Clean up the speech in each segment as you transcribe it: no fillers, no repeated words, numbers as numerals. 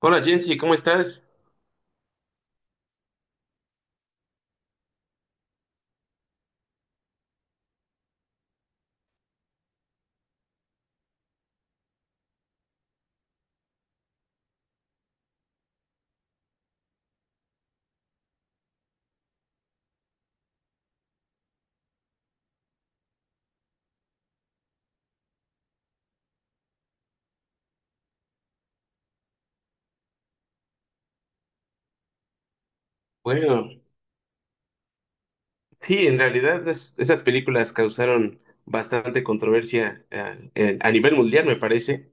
Hola Jensi, ¿cómo estás? Bueno, sí, en realidad esas películas causaron bastante controversia, a nivel mundial, me parece.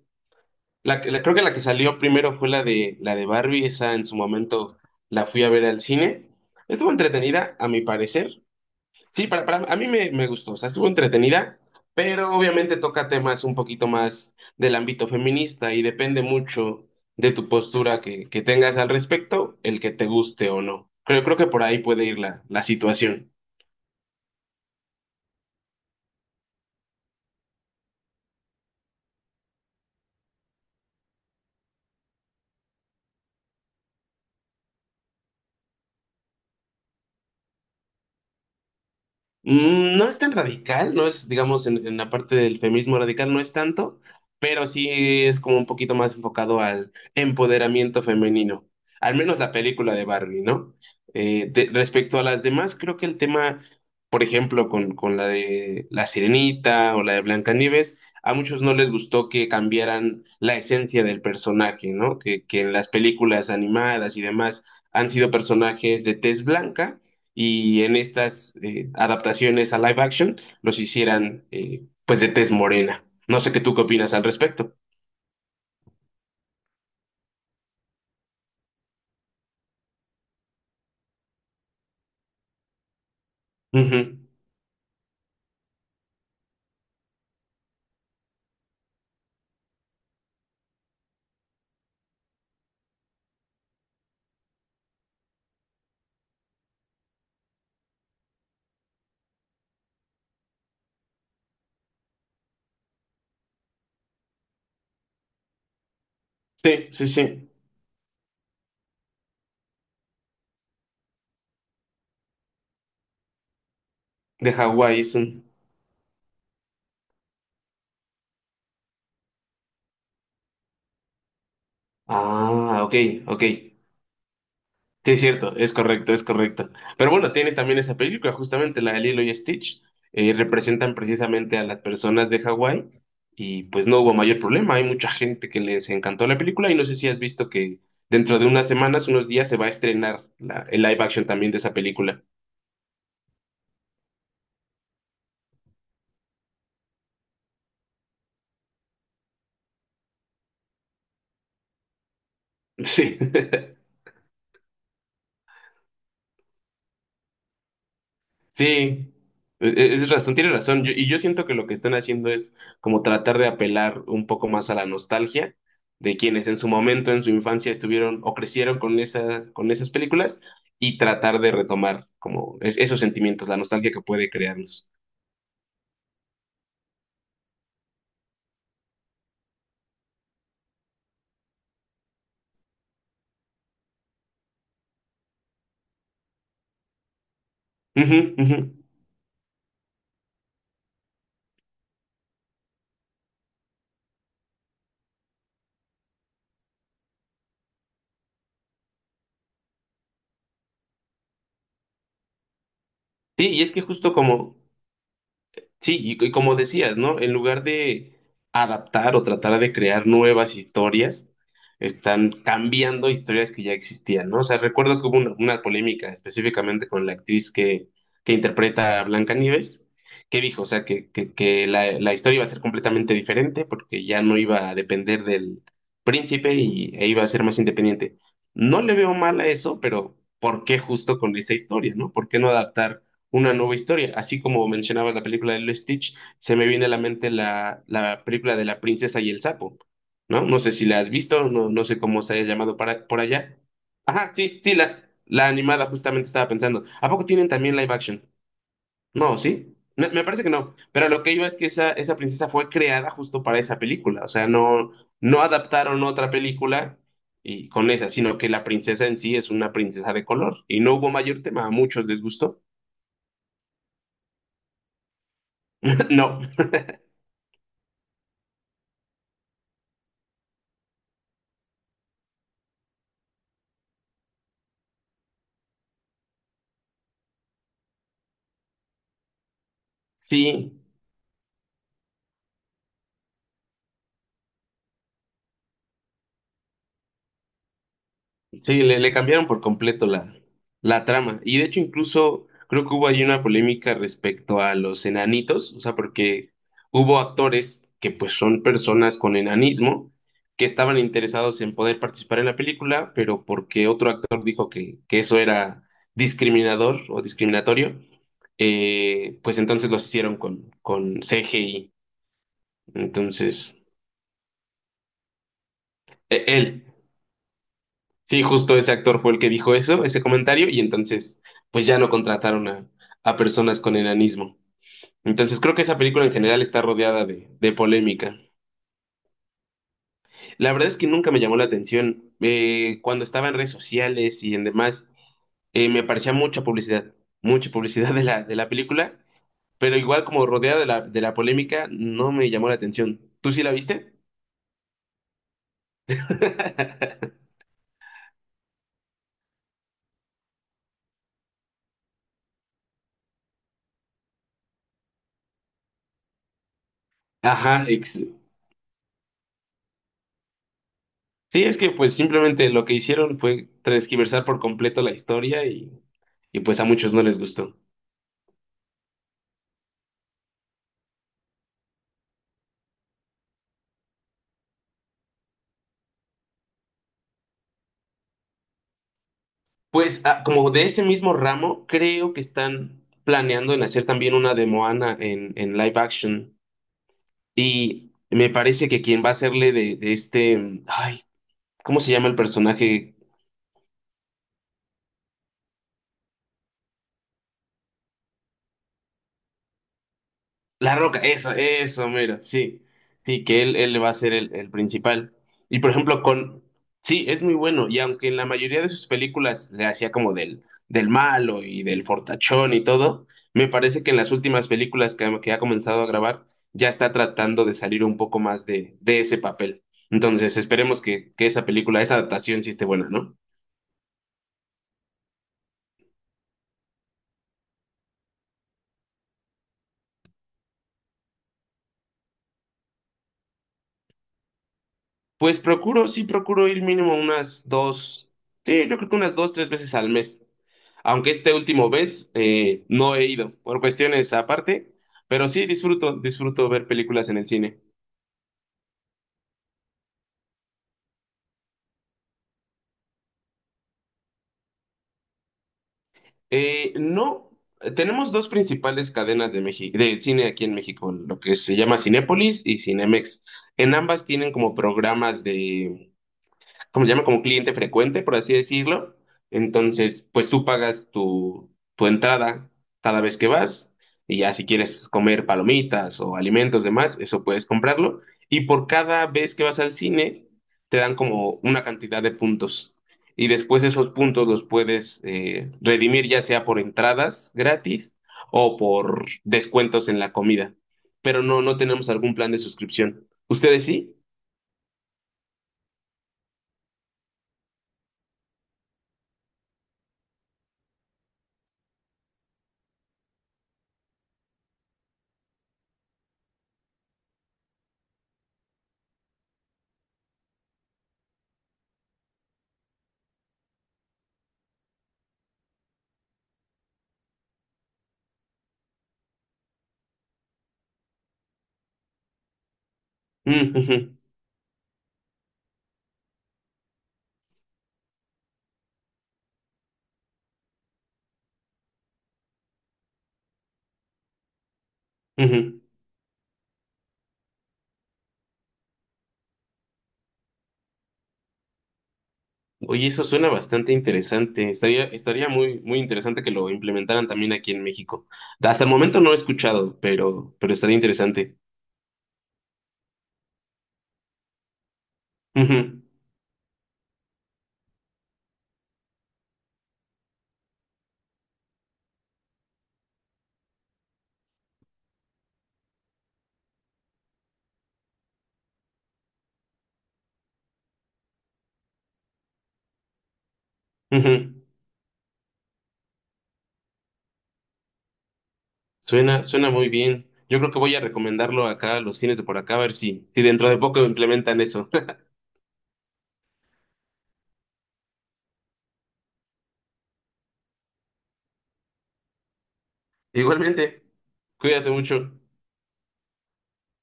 Creo que la que salió primero fue la de Barbie, esa en su momento la fui a ver al cine. Estuvo entretenida, a mi parecer. Sí, para, a mí me gustó, o sea, estuvo entretenida, pero obviamente toca temas un poquito más del ámbito feminista y depende mucho de tu postura que tengas al respecto, el que te guste o no. Creo que por ahí puede ir la situación. No es tan radical, no es, digamos, en la parte del feminismo radical no es tanto, pero sí es como un poquito más enfocado al empoderamiento femenino, al menos la película de Barbie, ¿no? Respecto a las demás, creo que el tema, por ejemplo, con la de La Sirenita o la de Blancanieves, a muchos no les gustó que cambiaran la esencia del personaje, ¿no? Que en las películas animadas y demás han sido personajes de tez blanca y en estas adaptaciones a live action los hicieran, pues, de tez morena. No sé qué tú qué opinas al respecto. Ujú. Sí, sí, sí. De Hawái es un... Ah, ok, ok. Sí, es cierto, es correcto, es correcto. Pero bueno, tienes también esa película, justamente la de Lilo y Stitch, representan precisamente a las personas de Hawái y pues no hubo mayor problema, hay mucha gente que les encantó la película y no sé si has visto que dentro de unas semanas, unos días se va a estrenar el live action también de esa película. Sí. Sí, es razón, tiene razón. Y yo siento que lo que están haciendo es como tratar de apelar un poco más a la nostalgia de quienes en su momento, en su infancia, estuvieron o crecieron con esa, con esas películas y tratar de retomar como esos sentimientos, la nostalgia que puede crearlos. Ujú, ujú. Sí, y es que justo como, sí, y como decías, ¿no? En lugar de adaptar o tratar de crear nuevas historias, están cambiando historias que ya existían, ¿no? O sea, recuerdo que hubo una polémica específicamente con la actriz que interpreta a Blancanieves, que dijo, o sea, que la historia iba a ser completamente diferente porque ya no iba a depender del príncipe y, e iba a ser más independiente. No le veo mal a eso, pero ¿por qué justo con esa historia, ¿no? ¿Por qué no adaptar una nueva historia? Así como mencionabas la película de Lilo y Stitch, se me viene a la mente la película de la princesa y el sapo, ¿no? No sé si la has visto, no, no sé cómo se haya llamado para, por allá. Ajá, sí, sí, la animada justamente estaba pensando. ¿A poco tienen también live action? No, ¿sí? Me parece que no, pero lo que iba es que esa princesa fue creada justo para esa película, o sea, no, no adaptaron otra película y con esa, sino que la princesa en sí es una princesa de color y no hubo mayor tema, a muchos les gustó. No. Sí, sí, le cambiaron por completo la trama. Y de hecho, incluso creo que hubo ahí una polémica respecto a los enanitos, o sea, porque hubo actores que pues son personas con enanismo que estaban interesados en poder participar en la película, pero porque otro actor dijo que eso era discriminador o discriminatorio, pues entonces los hicieron con CGI. Entonces, él. Sí, justo ese actor fue el que dijo eso, ese comentario, y entonces, pues ya no contrataron a personas con enanismo. Entonces, creo que esa película en general está rodeada de polémica. La verdad es que nunca me llamó la atención. Cuando estaba en redes sociales y en demás, me aparecía mucha publicidad de de la película, pero igual como rodeada de de la polémica, no me llamó la atención. ¿Tú sí la viste? Ajá, sí, es que pues simplemente lo que hicieron fue transquiversar por completo la historia y pues a muchos no les gustó. Pues ah, como de ese mismo ramo, creo que están planeando en hacer también una de Moana en live action y me parece que quien va a hacerle de este, ay, ¿cómo se llama el personaje? La Roca, eso, mero, sí. Sí, que él va a ser el principal. Y por ejemplo, con. Sí, es muy bueno. Y aunque en la mayoría de sus películas le hacía como del malo y del fortachón y todo, me parece que en las últimas películas que ha comenzado a grabar, ya está tratando de salir un poco más de ese papel. Entonces, esperemos que esa película, esa adaptación sí esté buena, ¿no? Pues procuro, sí, procuro ir mínimo unas dos, sí, yo creo que unas dos, tres veces al mes. Aunque este último vez no he ido por cuestiones aparte, pero sí disfruto, disfruto ver películas en el cine. No, tenemos dos principales cadenas de México, de cine aquí en México, lo que se llama Cinépolis y Cinemex. En ambas tienen como programas de como se llama? Como cliente frecuente, por así decirlo. Entonces, pues tú pagas tu, tu entrada cada vez que vas y ya si quieres comer palomitas o alimentos demás, eso puedes comprarlo. Y por cada vez que vas al cine, te dan como una cantidad de puntos. Y después esos puntos los puedes, redimir ya sea por entradas gratis o por descuentos en la comida. Pero no, no tenemos algún plan de suscripción. ¿Ustedes sí? Ujú, ujú. Oye, eso suena bastante interesante. Estaría, estaría muy, muy interesante que lo implementaran también aquí en México. Hasta el momento no he escuchado, pero estaría interesante. Ujú, ujú. Suena, suena muy bien. Yo creo que voy a recomendarlo acá a los cines de por acá, a ver si, si dentro de poco implementan eso. Igualmente, cuídate mucho.